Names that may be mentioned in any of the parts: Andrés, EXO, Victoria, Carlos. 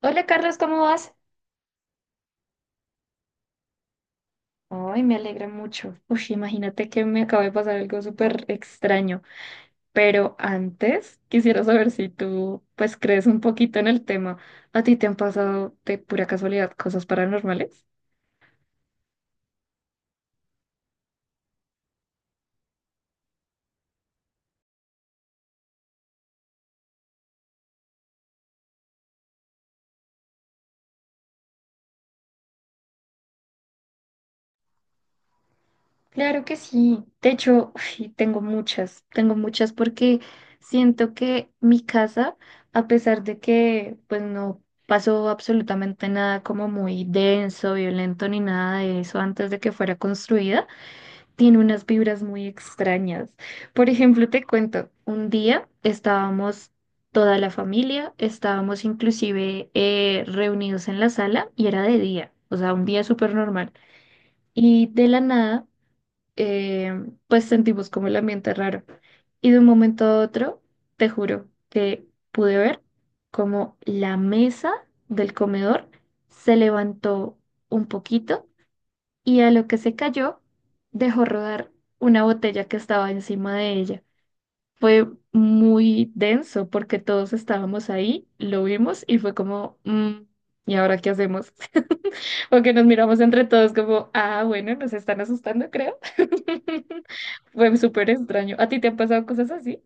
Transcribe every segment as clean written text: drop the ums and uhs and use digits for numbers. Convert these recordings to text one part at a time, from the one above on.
Hola Carlos, ¿cómo vas? Ay, me alegra mucho. Uy, imagínate que me acaba de pasar algo súper extraño, pero antes quisiera saber si tú pues crees un poquito en el tema. ¿A ti te han pasado de pura casualidad cosas paranormales? Claro que sí. De hecho, uy, tengo muchas porque siento que mi casa, a pesar de que pues no pasó absolutamente nada como muy denso, violento ni nada de eso antes de que fuera construida, tiene unas vibras muy extrañas. Por ejemplo, te cuento, un día estábamos toda la familia, estábamos inclusive reunidos en la sala y era de día, o sea, un día súper normal. Y de la nada, eh, pues sentimos como el ambiente raro. Y de un momento a otro, te juro que pude ver como la mesa del comedor se levantó un poquito y a lo que se cayó dejó rodar una botella que estaba encima de ella. Fue muy denso porque todos estábamos ahí, lo vimos y fue como, "Mm, ¿y ahora qué hacemos?" O que nos miramos entre todos como, ah, bueno, nos están asustando, creo. Fue súper extraño. ¿A ti te han pasado cosas así?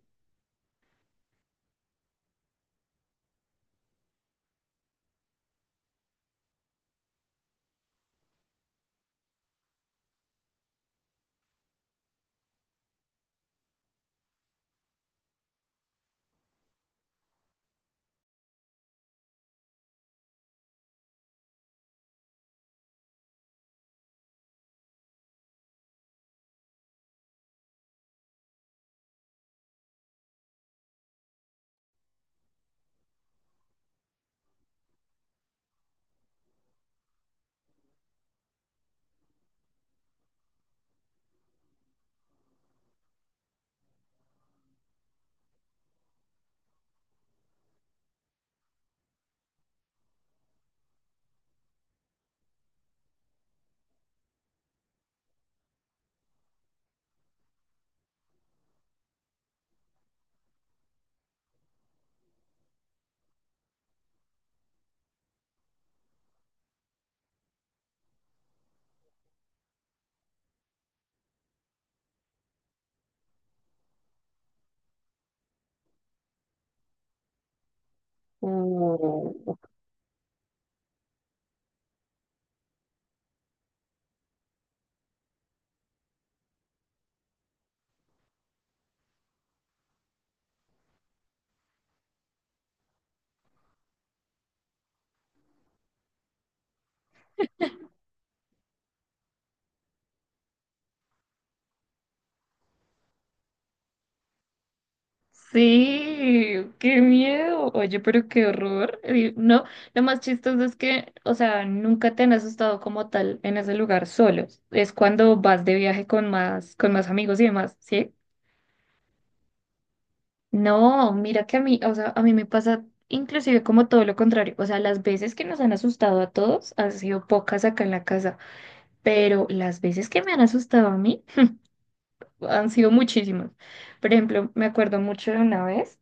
Oh. Sí, qué miedo. Oye, pero qué horror. No, lo más chistoso es que, o sea, nunca te han asustado como tal en ese lugar solos. Es cuando vas de viaje con más amigos y demás, ¿sí? No, mira que a mí, o sea, a mí me pasa inclusive como todo lo contrario. O sea, las veces que nos han asustado a todos han sido pocas acá en la casa, pero las veces que me han asustado a mí han sido muchísimas. Por ejemplo, me acuerdo mucho de una vez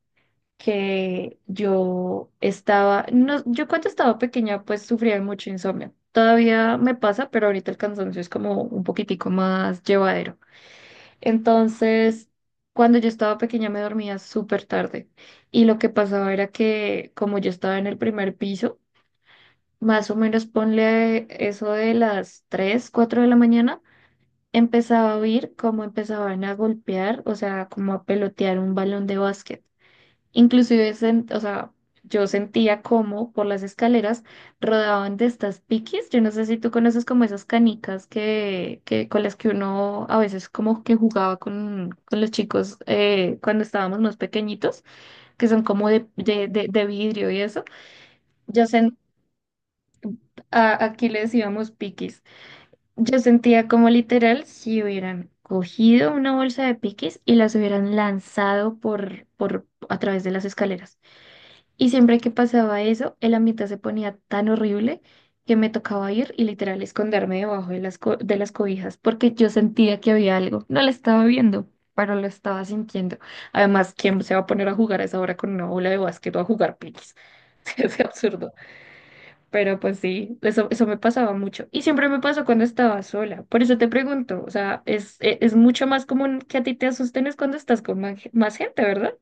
que yo estaba, no, yo cuando estaba pequeña pues sufría de mucho insomnio. Todavía me pasa, pero ahorita el cansancio es como un poquitico más llevadero. Entonces, cuando yo estaba pequeña me dormía súper tarde y lo que pasaba era que como yo estaba en el primer piso, más o menos ponle eso de las 3 4 de la mañana, empezaba a oír cómo empezaban a golpear, o sea, como a pelotear un balón de básquet. Inclusive, o sea, yo sentía como por las escaleras rodaban de estas piquis. Yo no sé si tú conoces como esas canicas que con las que uno a veces como que jugaba con los chicos cuando estábamos más pequeñitos, que son como de vidrio y eso. Yo sent, Aquí le decíamos piquis. Yo sentía como literal si hubieran cogido una bolsa de piquis y las hubieran lanzado por a través de las escaleras. Y siempre que pasaba eso, el ambiente se ponía tan horrible que me tocaba ir y literal esconderme debajo de de las cobijas porque yo sentía que había algo. No lo estaba viendo, pero lo estaba sintiendo. Además, ¿quién se va a poner a jugar a esa hora con una bola de básquet o a jugar piquis? Es absurdo. Pero pues sí, eso me pasaba mucho. Y siempre me pasó cuando estaba sola. Por eso te pregunto, o sea, es mucho más común que a ti te asusten es cuando estás con más gente, ¿verdad?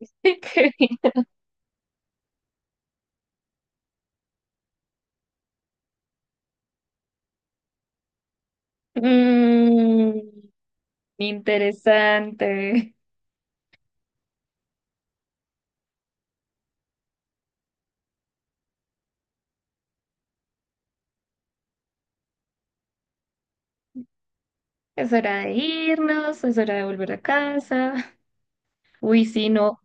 Que- Mm. Interesante. Es hora de irnos, es hora de volver a casa. Uy, sí, no,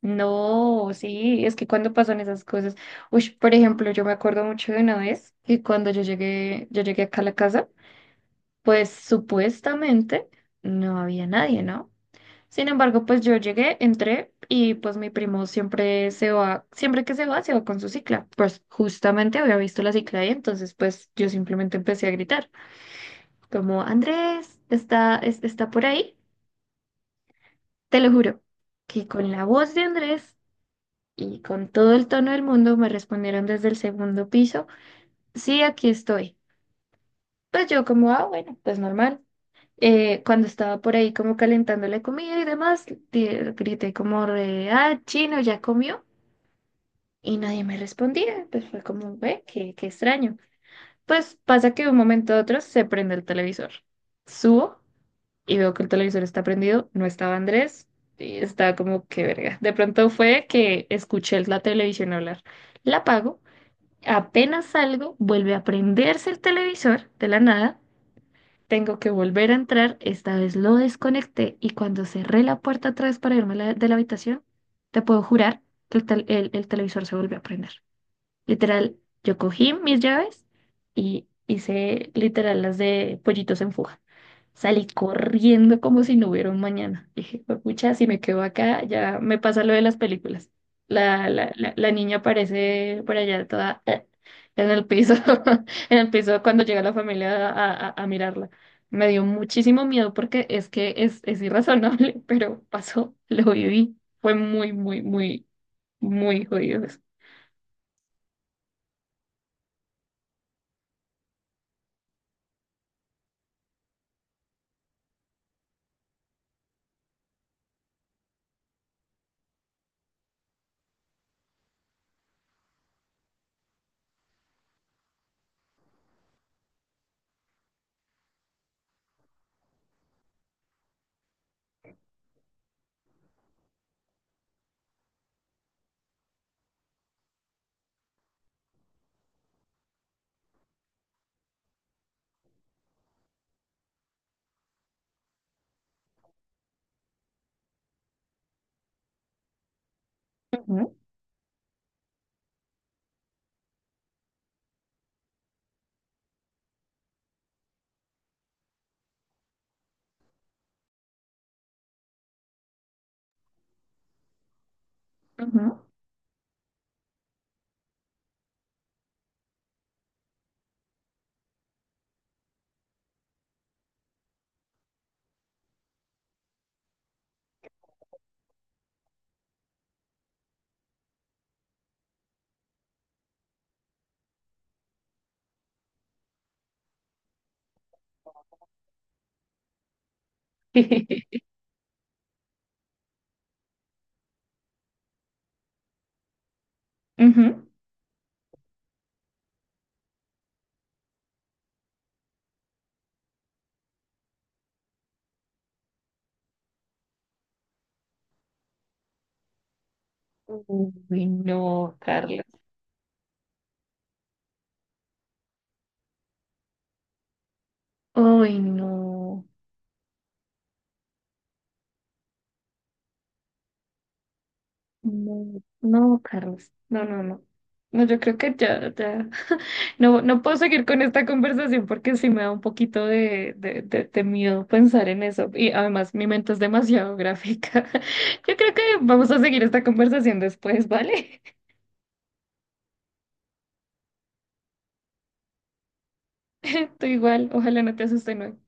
no, sí, es que cuando pasan esas cosas. Uy, por ejemplo, yo me acuerdo mucho de una vez que cuando yo llegué acá a la casa, pues supuestamente no había nadie, ¿no? Sin embargo, pues yo llegué, entré y pues mi primo siempre se va, siempre que se va con su cicla. Pues justamente había visto la cicla ahí, entonces pues yo simplemente empecé a gritar, como, Andrés está, está por ahí, te lo juro, que con la voz de Andrés y con todo el tono del mundo me respondieron desde el segundo piso, sí, aquí estoy. Pues yo como, ah, bueno, pues normal. Cuando estaba por ahí como calentando la comida y demás, di- grité como, chino, ¿ya comió? Y nadie me respondía, pues fue como, ve, qué extraño. Pues pasa que de un momento a otro se prende el televisor. Subo y veo que el televisor está prendido, no estaba Andrés, y estaba como que verga. De pronto fue que escuché la televisión hablar. La apago, apenas salgo, vuelve a prenderse el televisor de la nada. Tengo que volver a entrar, esta vez lo desconecté y cuando cerré la puerta atrás para irme a de la habitación, te puedo jurar que el televisor se volvió a prender. Literal, yo cogí mis llaves y hice literal las de pollitos en fuga. Salí corriendo como si no hubiera un mañana. Dije, pucha, si me quedo acá, ya me pasa lo de las películas. La niña aparece por allá toda en el piso, en el piso cuando llega la familia a mirarla. Me dio muchísimo miedo porque es que es irrazonable, pero pasó, lo viví. Fue muy, muy, muy, muy jodido eso. Ujú, ujú. Ujú. Uy, no, Carlos. Uy, no, no, no, Carlos, no, no, no. No, yo creo que ya, ya. No, no puedo seguir con esta conversación porque sí me da un poquito de miedo pensar en eso. Y además mi mente es demasiado gráfica. Yo creo que vamos a seguir esta conversación después, ¿vale? Tú igual, ojalá no te asusten hoy.